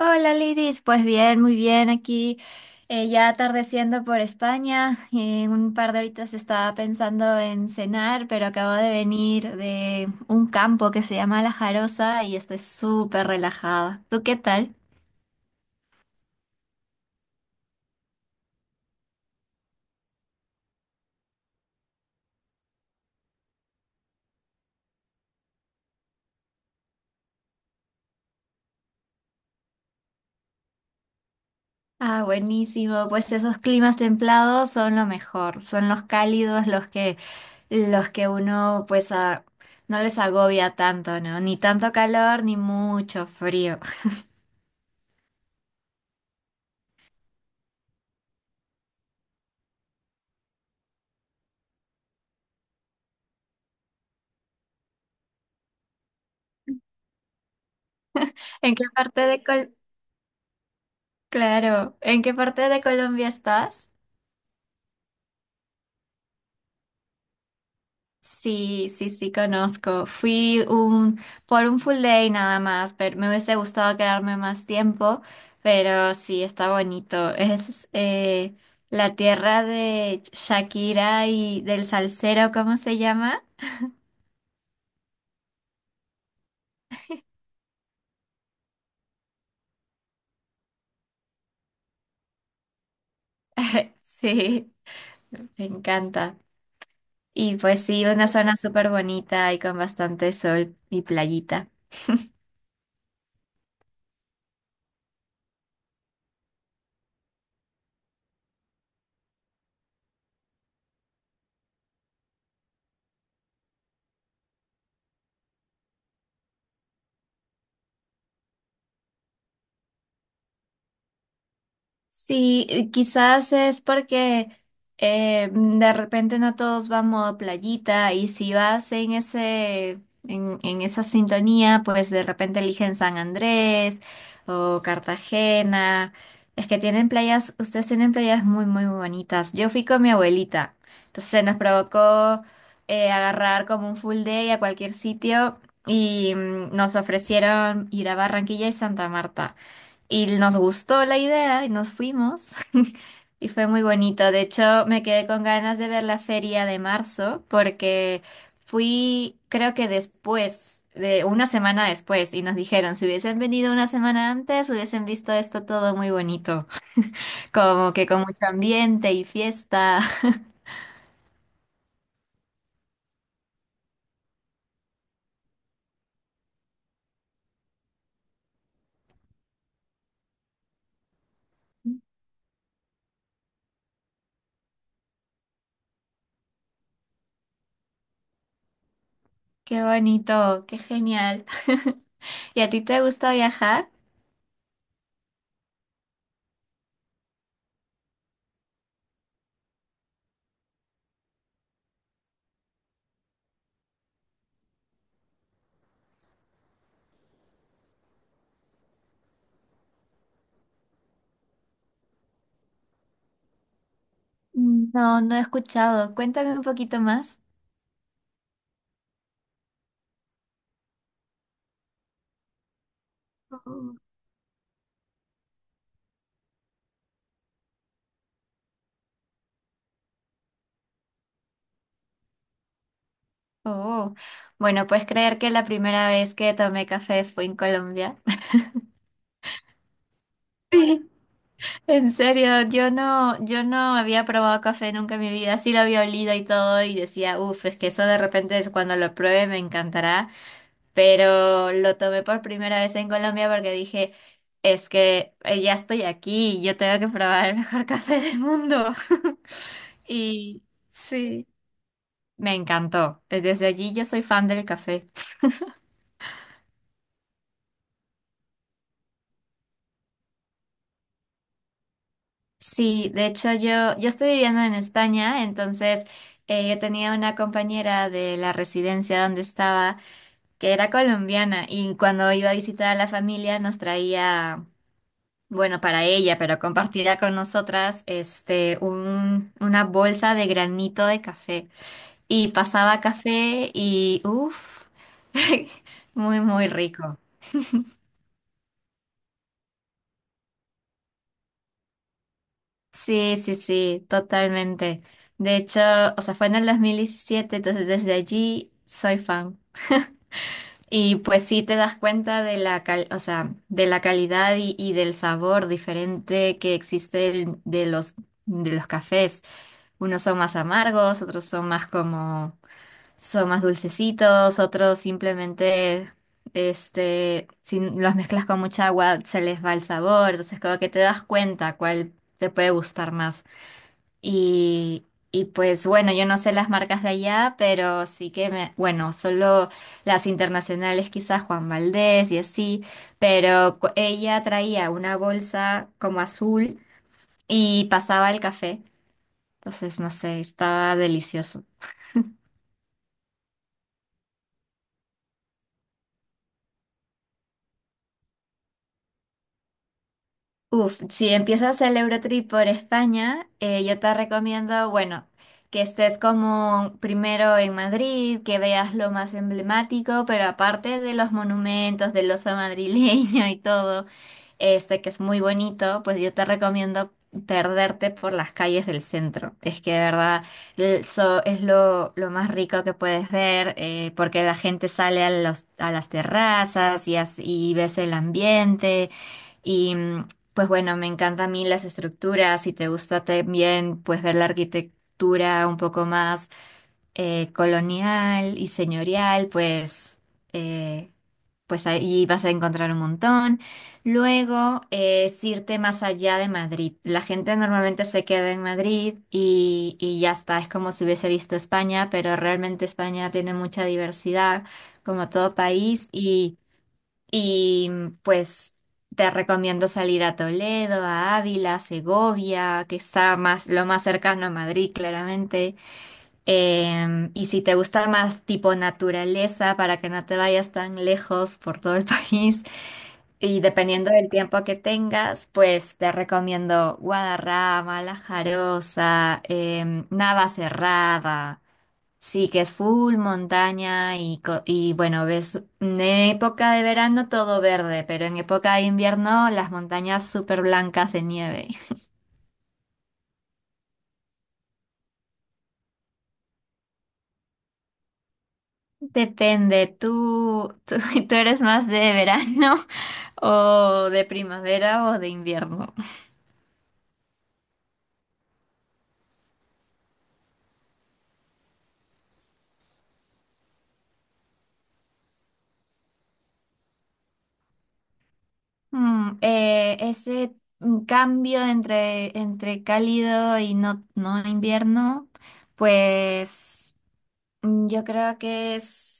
Hola Lidis, pues bien, muy bien aquí, ya atardeciendo por España. En un par de horitas estaba pensando en cenar, pero acabo de venir de un campo que se llama La Jarosa y estoy súper relajada. ¿Tú qué tal? Ah, buenísimo, pues esos climas templados son lo mejor. Son los cálidos los que uno pues no les agobia tanto, ¿no? Ni tanto calor ni mucho frío. ¿En qué parte de Colombia? Claro, ¿en qué parte de Colombia estás? Sí, sí, sí, conozco. Por un full day nada más, pero me hubiese gustado quedarme más tiempo, pero sí, está bonito. Es la tierra de Shakira y del salsero, ¿cómo se llama? Sí, me encanta. Y pues sí, una zona súper bonita y con bastante sol y playita. Sí, quizás es porque de repente no todos van modo playita, y si vas en esa sintonía, pues de repente eligen San Andrés o Cartagena. Es que tienen playas, ustedes tienen playas muy, muy bonitas. Yo fui con mi abuelita, entonces nos provocó agarrar como un full day a cualquier sitio y nos ofrecieron ir a Barranquilla y Santa Marta. Y nos gustó la idea y nos fuimos. Y fue muy bonito. De hecho, me quedé con ganas de ver la feria de marzo porque fui, creo que después, de una semana después, y nos dijeron, si hubiesen venido una semana antes, hubiesen visto esto todo muy bonito, como que con mucho ambiente y fiesta. Qué bonito, qué genial. ¿Y a ti te gusta viajar? No, no he escuchado. Cuéntame un poquito más. Oh, bueno, ¿puedes creer que la primera vez que tomé café fue en Colombia? En serio, yo no había probado café nunca en mi vida. Sí lo había olido y todo y decía, uff, es que eso de repente es cuando lo pruebe me encantará. Pero lo tomé por primera vez en Colombia porque dije, es que ya estoy aquí, yo tengo que probar el mejor café del mundo. Y sí, me encantó. Desde allí yo soy fan del café. Sí, de hecho yo estoy viviendo en España, entonces yo tenía una compañera de la residencia donde estaba que era colombiana, y cuando iba a visitar a la familia nos traía, bueno, para ella, pero compartida con nosotras, este, una bolsa de granito de café y pasaba café y uff, muy, muy rico. Sí, sí, sí, totalmente. De hecho, o sea, fue en el 2017, entonces desde allí soy fan. Y pues sí te das cuenta de la o sea, de la calidad y del sabor diferente que existe de los cafés. Unos son más amargos, otros son más como son más dulcecitos, otros simplemente este si los mezclas con mucha agua se les va el sabor, entonces como que te das cuenta cuál te puede gustar más. Y, y pues bueno, yo no sé las marcas de allá, pero sí que me, bueno, solo las internacionales, quizás Juan Valdés y así, pero ella traía una bolsa como azul y pasaba el café. Entonces, no sé, estaba delicioso. Uf, si empiezas el Eurotrip por España, yo te recomiendo, bueno, que estés como primero en Madrid, que veas lo más emblemático, pero aparte de los monumentos, del oso madrileño y todo, este que es muy bonito, pues yo te recomiendo perderte por las calles del centro. Es que de verdad es lo más rico que puedes ver, porque la gente sale a a las terrazas y, y ves el ambiente. Y pues bueno, me encanta a mí las estructuras. Si te gusta también pues ver la arquitectura un poco más colonial y señorial, pues, eh, pues ahí vas a encontrar un montón. Luego es irte más allá de Madrid. La gente normalmente se queda en Madrid y ya está, es como si hubiese visto, y pues te recomiendo salir a Toledo, a Ávila, Segovia, que está más, lo más cercano a Madrid, claramente. Em, y si te gusta más tipo naturaleza, para que no te vayas tan lejos por todo el país, y dependiendo del tiempo que tengas, pues te recomiendo Guadarrama, La Jarosa, Navacerrada. Sí, que es full montaña y, y bueno, ves en época de verano todo verde, pero en época de invierno las montañas súper blancas de nieve. Depende, ¿tú eres más de verano o de primavera o de invierno? Mm, eh, ese cambio entre cálido y no invierno, pues yo creo que es...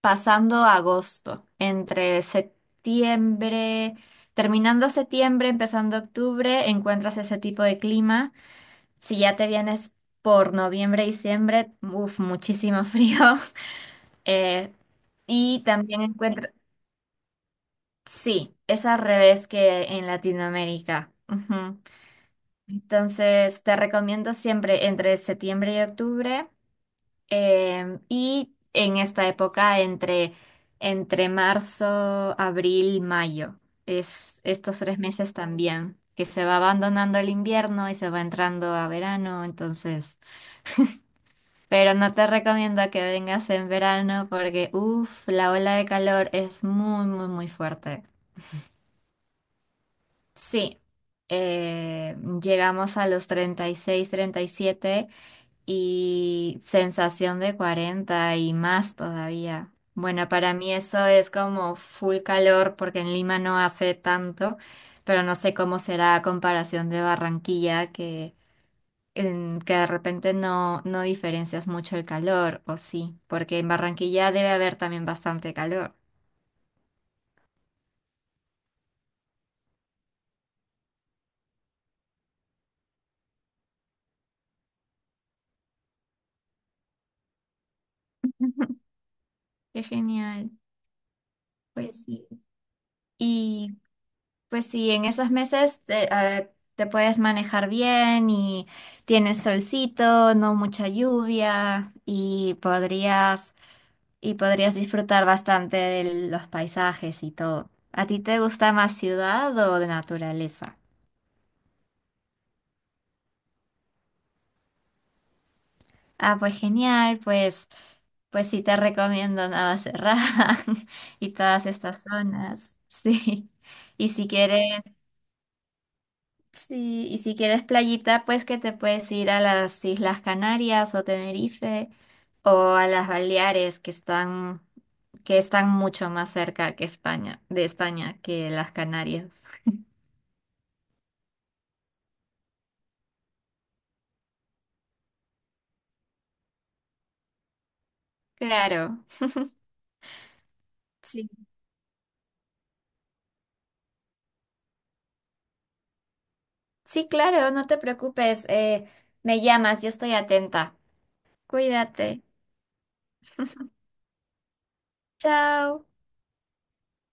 pasando a agosto, entre septiembre, terminando septiembre, empezando octubre, encuentras ese tipo de clima. Si ya te vienes por noviembre, diciembre, uff, muchísimo frío. Eh, y también encuentras, sí, es al revés que en Latinoamérica. Ujú. Entonces, te recomiendo siempre entre septiembre y octubre. Em, y en esta época, entre marzo, abril, mayo, es estos tres meses también, que se va abandonando el invierno y se va entrando a verano, entonces, pero no te recomiendo que vengas en verano porque, uff, la ola de calor es muy, muy, muy fuerte. Sí, eh, llegamos a los 30, 36, 37 y sensación de 40 y más todavía. Bueno, para mí eso es como full calor porque en Lima no hace tanto, pero no sé cómo será a comparación de Barranquilla que, que de repente no diferencias mucho el calor, o sí, porque en Barranquilla debe haber también bastante calor. Qué genial, pues sí. Pues sí, en esos meses te puedes manejar bien y tienes solcito, no mucha lluvia y podrías disfrutar bastante de los paisajes y todo. ¿A ti te gusta más ciudad o de naturaleza? Ah, pues genial, pues sí te recomiendo Navacerrada y todas estas zonas. Sí. Y si quieres Sí, y si quieres playita, pues que te puedes ir a las Islas Canarias o Tenerife o a las Baleares, que están mucho más cerca que de España que las Canarias. Claro. Sí. Sí, claro, no te preocupes. Me llamas, yo estoy atenta. Cuídate. Chao.